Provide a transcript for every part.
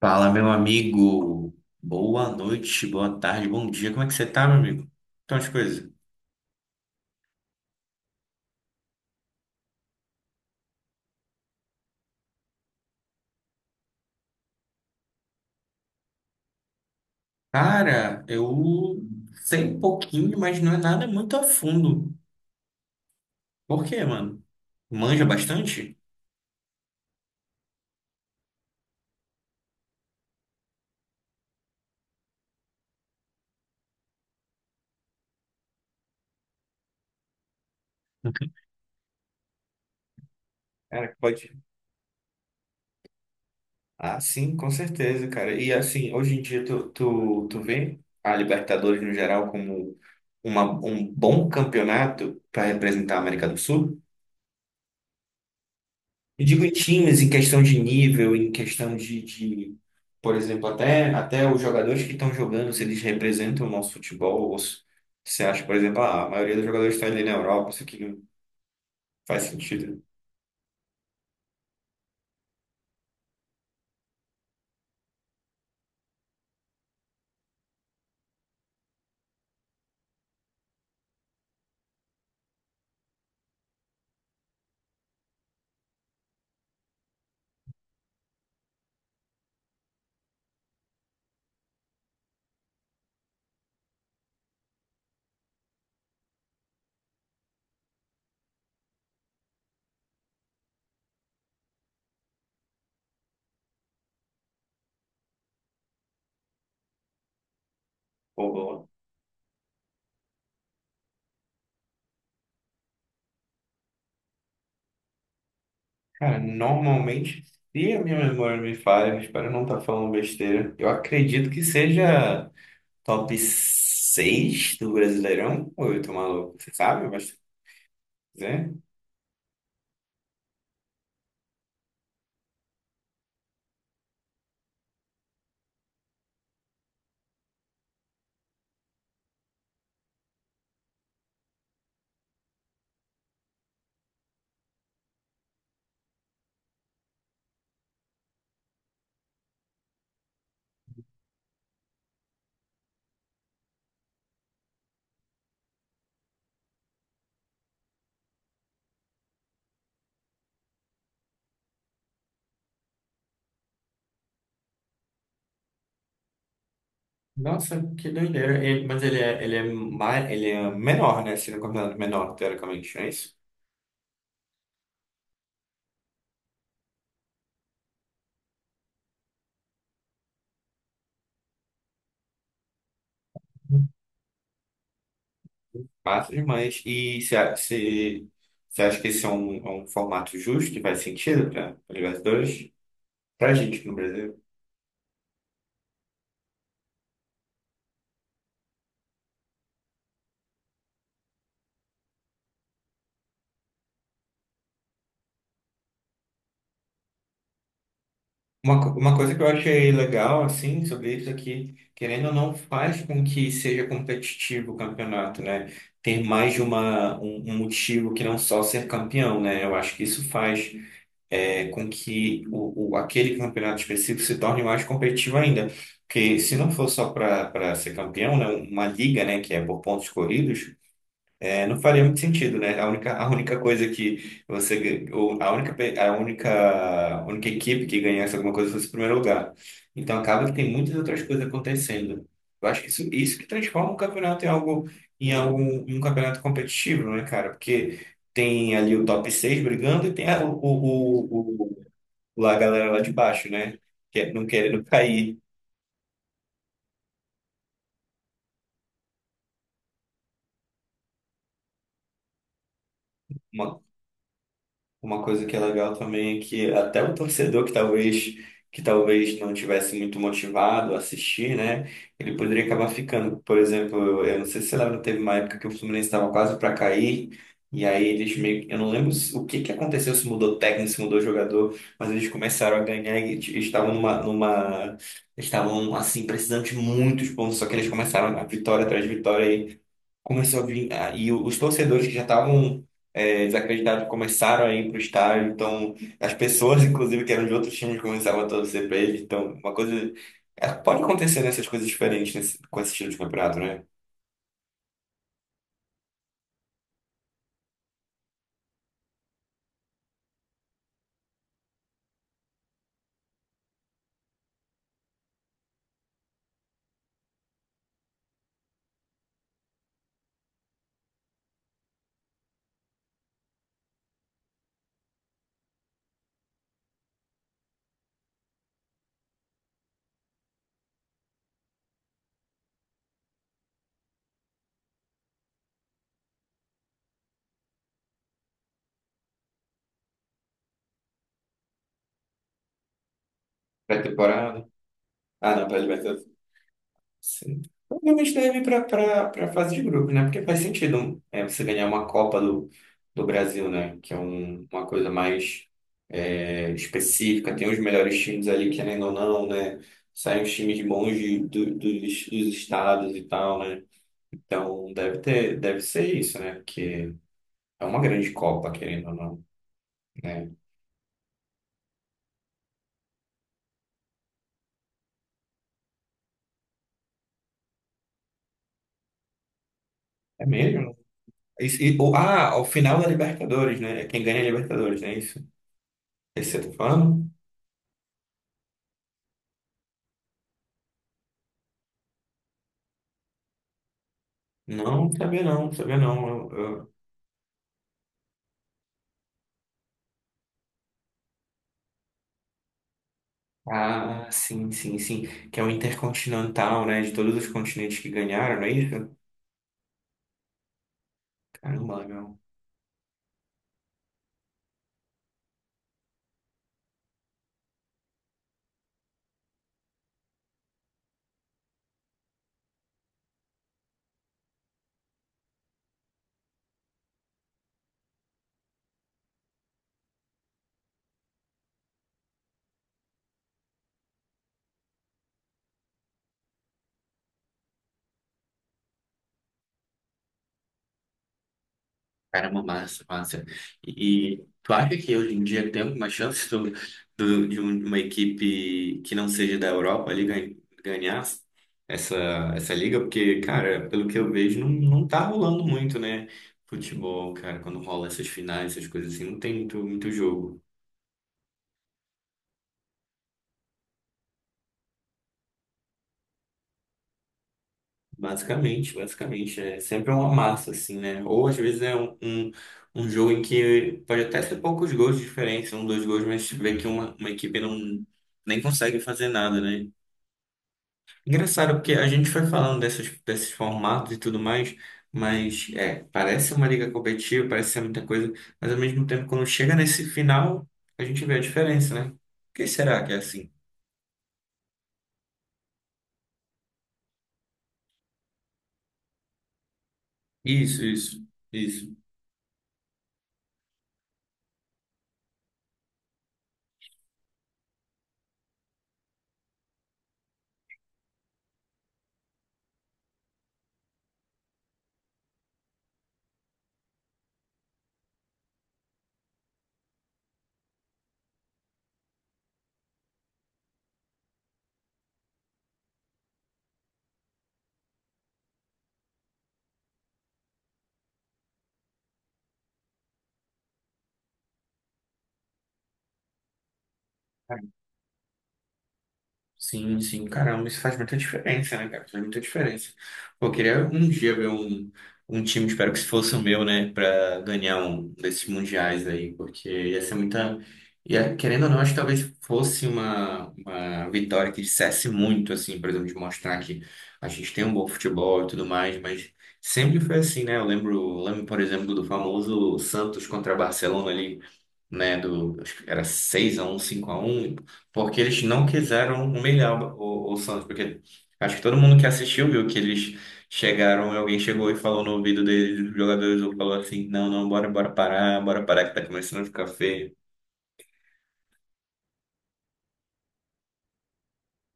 Fala, meu amigo. Boa noite, boa tarde, bom dia. Como é que você tá, meu amigo? Então, as coisas. Cara, eu sei um pouquinho, mas não é nada muito a fundo. Por quê, mano? Manja bastante? Cara, pode. Ah, sim, com certeza, cara. E assim, hoje em dia tu vê a Libertadores no geral como um bom campeonato para representar a América do Sul? Eu digo em times, em questão de nível, em questão de, por exemplo, até os jogadores que estão jogando, se eles representam o nosso futebol, ou se você acha, por exemplo, ah, a maioria dos jogadores está ali na Europa, isso aqui não faz sentido. Ou, ou- Cara, normalmente, se a minha memória me falha, eu espero não estar falando besteira, eu acredito que seja top 6 do Brasileirão, ou eu tô maluco, você sabe, mas... né? Nossa, que doideira. Mas ele é menor, né? Se não considerado menor, teoricamente, não é isso? Massa demais. E você acha que esse é é um formato justo que faz sentido para Libertadores? Pra gente no Brasil. Uma coisa que eu achei legal, assim, sobre isso é que, querendo ou não, faz com que seja competitivo o campeonato, né? Ter mais de um motivo que não só ser campeão, né? Eu acho que isso faz. É com que aquele campeonato específico se torne mais competitivo ainda. Porque se não for só para ser campeão, né, uma liga, né, que é por pontos corridos, é, não faria muito sentido, né? A única coisa que você, gan- ou a única, pe- a única equipe que ganhasse alguma coisa fosse o primeiro lugar. Então acaba que tem muitas outras coisas acontecendo. Eu acho que isso que transforma o campeonato em em um campeonato competitivo, né, cara? Porque tem ali o top 6 brigando e tem o, lá a galera lá de baixo, né? Não querendo cair. Uma, uma coisa que é legal também é que até o torcedor que talvez não tivesse muito motivado a assistir, né? Ele poderia acabar ficando. Por exemplo, eu não sei se você lembra, teve uma época que o Fluminense estava quase para cair. E aí eles meio que, eu não lembro o que que aconteceu, se mudou técnico, se mudou jogador, mas eles começaram a ganhar e estavam assim precisando de muitos pontos, só que eles começaram a vitória atrás de vitória. Começou a vir, ah, e os torcedores que já estavam, é, desacreditados, começaram a ir para o estádio, então as pessoas, inclusive, que eram de outros times, começavam a torcer para eles, então uma coisa... Pode acontecer nessas coisas diferentes nesse, com esse estilo de campeonato, né? Pré-temporada... Ah, não, pré-libertadores. Sim. Provavelmente deve ir para a fase de grupo, né? Porque faz sentido você ganhar uma Copa do Brasil, né? Que é uma coisa mais, é, específica. Tem os melhores times ali, querendo ou não, né? Saem os times bons dos estados e tal, né? Então deve ter, deve ser isso, né? Porque é uma grande Copa, querendo ou não, né? É mesmo? Ah, o final da Libertadores, né? É quem ganha a Libertadores, não é isso? Esse você tá falando? Não, sabia não, sabia não. Ah, sim, sim, sim. Que é o Intercontinental, né? De todos os continentes que ganharam, não é isso? Caramba, legal. Caramba, massa, massa. E tu acha que hoje em dia tem alguma chance uma equipe que não seja da Europa ali ganhar essa, essa liga? Porque, cara, pelo que eu vejo, não tá rolando muito, né? Futebol, cara, quando rola essas finais, essas coisas assim, não tem muito jogo. Basicamente, basicamente. É sempre uma massa, assim, né? Ou às vezes é um jogo em que pode até ser poucos gols de diferença, um, dois gols, mas vê que uma equipe não nem consegue fazer nada, né? Engraçado, porque a gente foi falando desses formatos e tudo mais, mas é, parece uma liga competitiva, parece ser muita coisa, mas ao mesmo tempo, quando chega nesse final, a gente vê a diferença, né? Por que será que é assim? Isso, isso, isso. Sim, sim, caramba, isso faz muita diferença, né, cara? Faz muita diferença. Pô, eu queria um dia ver um time, espero que se fosse o meu, né, pra ganhar um desses mundiais aí, porque ia ser muita. Ia, querendo ou não, acho que talvez fosse uma vitória que dissesse muito, assim, por exemplo, de mostrar que a gente tem um bom futebol e tudo mais, mas sempre foi assim, né? Eu lembro, por exemplo, do famoso Santos contra Barcelona ali, né, do, acho que era seis a um, cinco a um, porque eles não quiseram humilhar o Santos, porque acho que todo mundo que assistiu viu que eles chegaram, alguém chegou e falou no ouvido deles, os jogadores, falou assim, não, não, bora, bora parar que tá começando a ficar feio.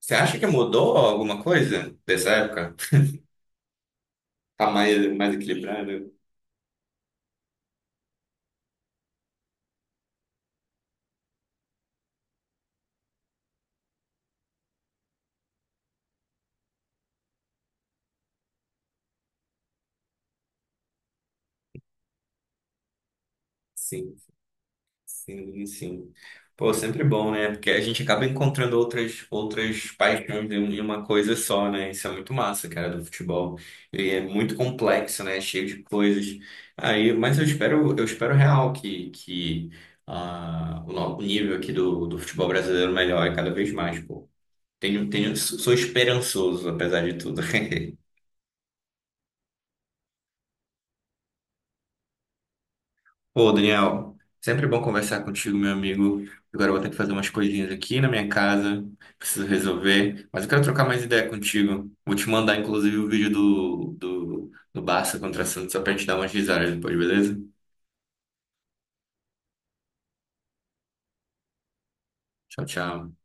Você acha que mudou alguma coisa dessa época? Tá mais, mais equilibrado? Sim. Sim, sim. Pô, sempre bom, né? Porque a gente acaba encontrando outras paixões em em uma coisa só, né? Isso é muito massa, cara, do futebol. E é muito complexo, né? Cheio de coisas. Aí, mas eu espero real que, ah, o no- o nível aqui do futebol brasileiro melhore cada vez mais, pô. Tenho, tenho, sou esperançoso, apesar de tudo. Ô, Daniel, sempre bom conversar contigo, meu amigo. Agora eu vou ter que fazer umas coisinhas aqui na minha casa, preciso resolver, mas eu quero trocar mais ideia contigo. Vou te mandar, inclusive, o vídeo do Barça contra Santos só pra gente dar umas risadas depois, beleza? Tchau, tchau.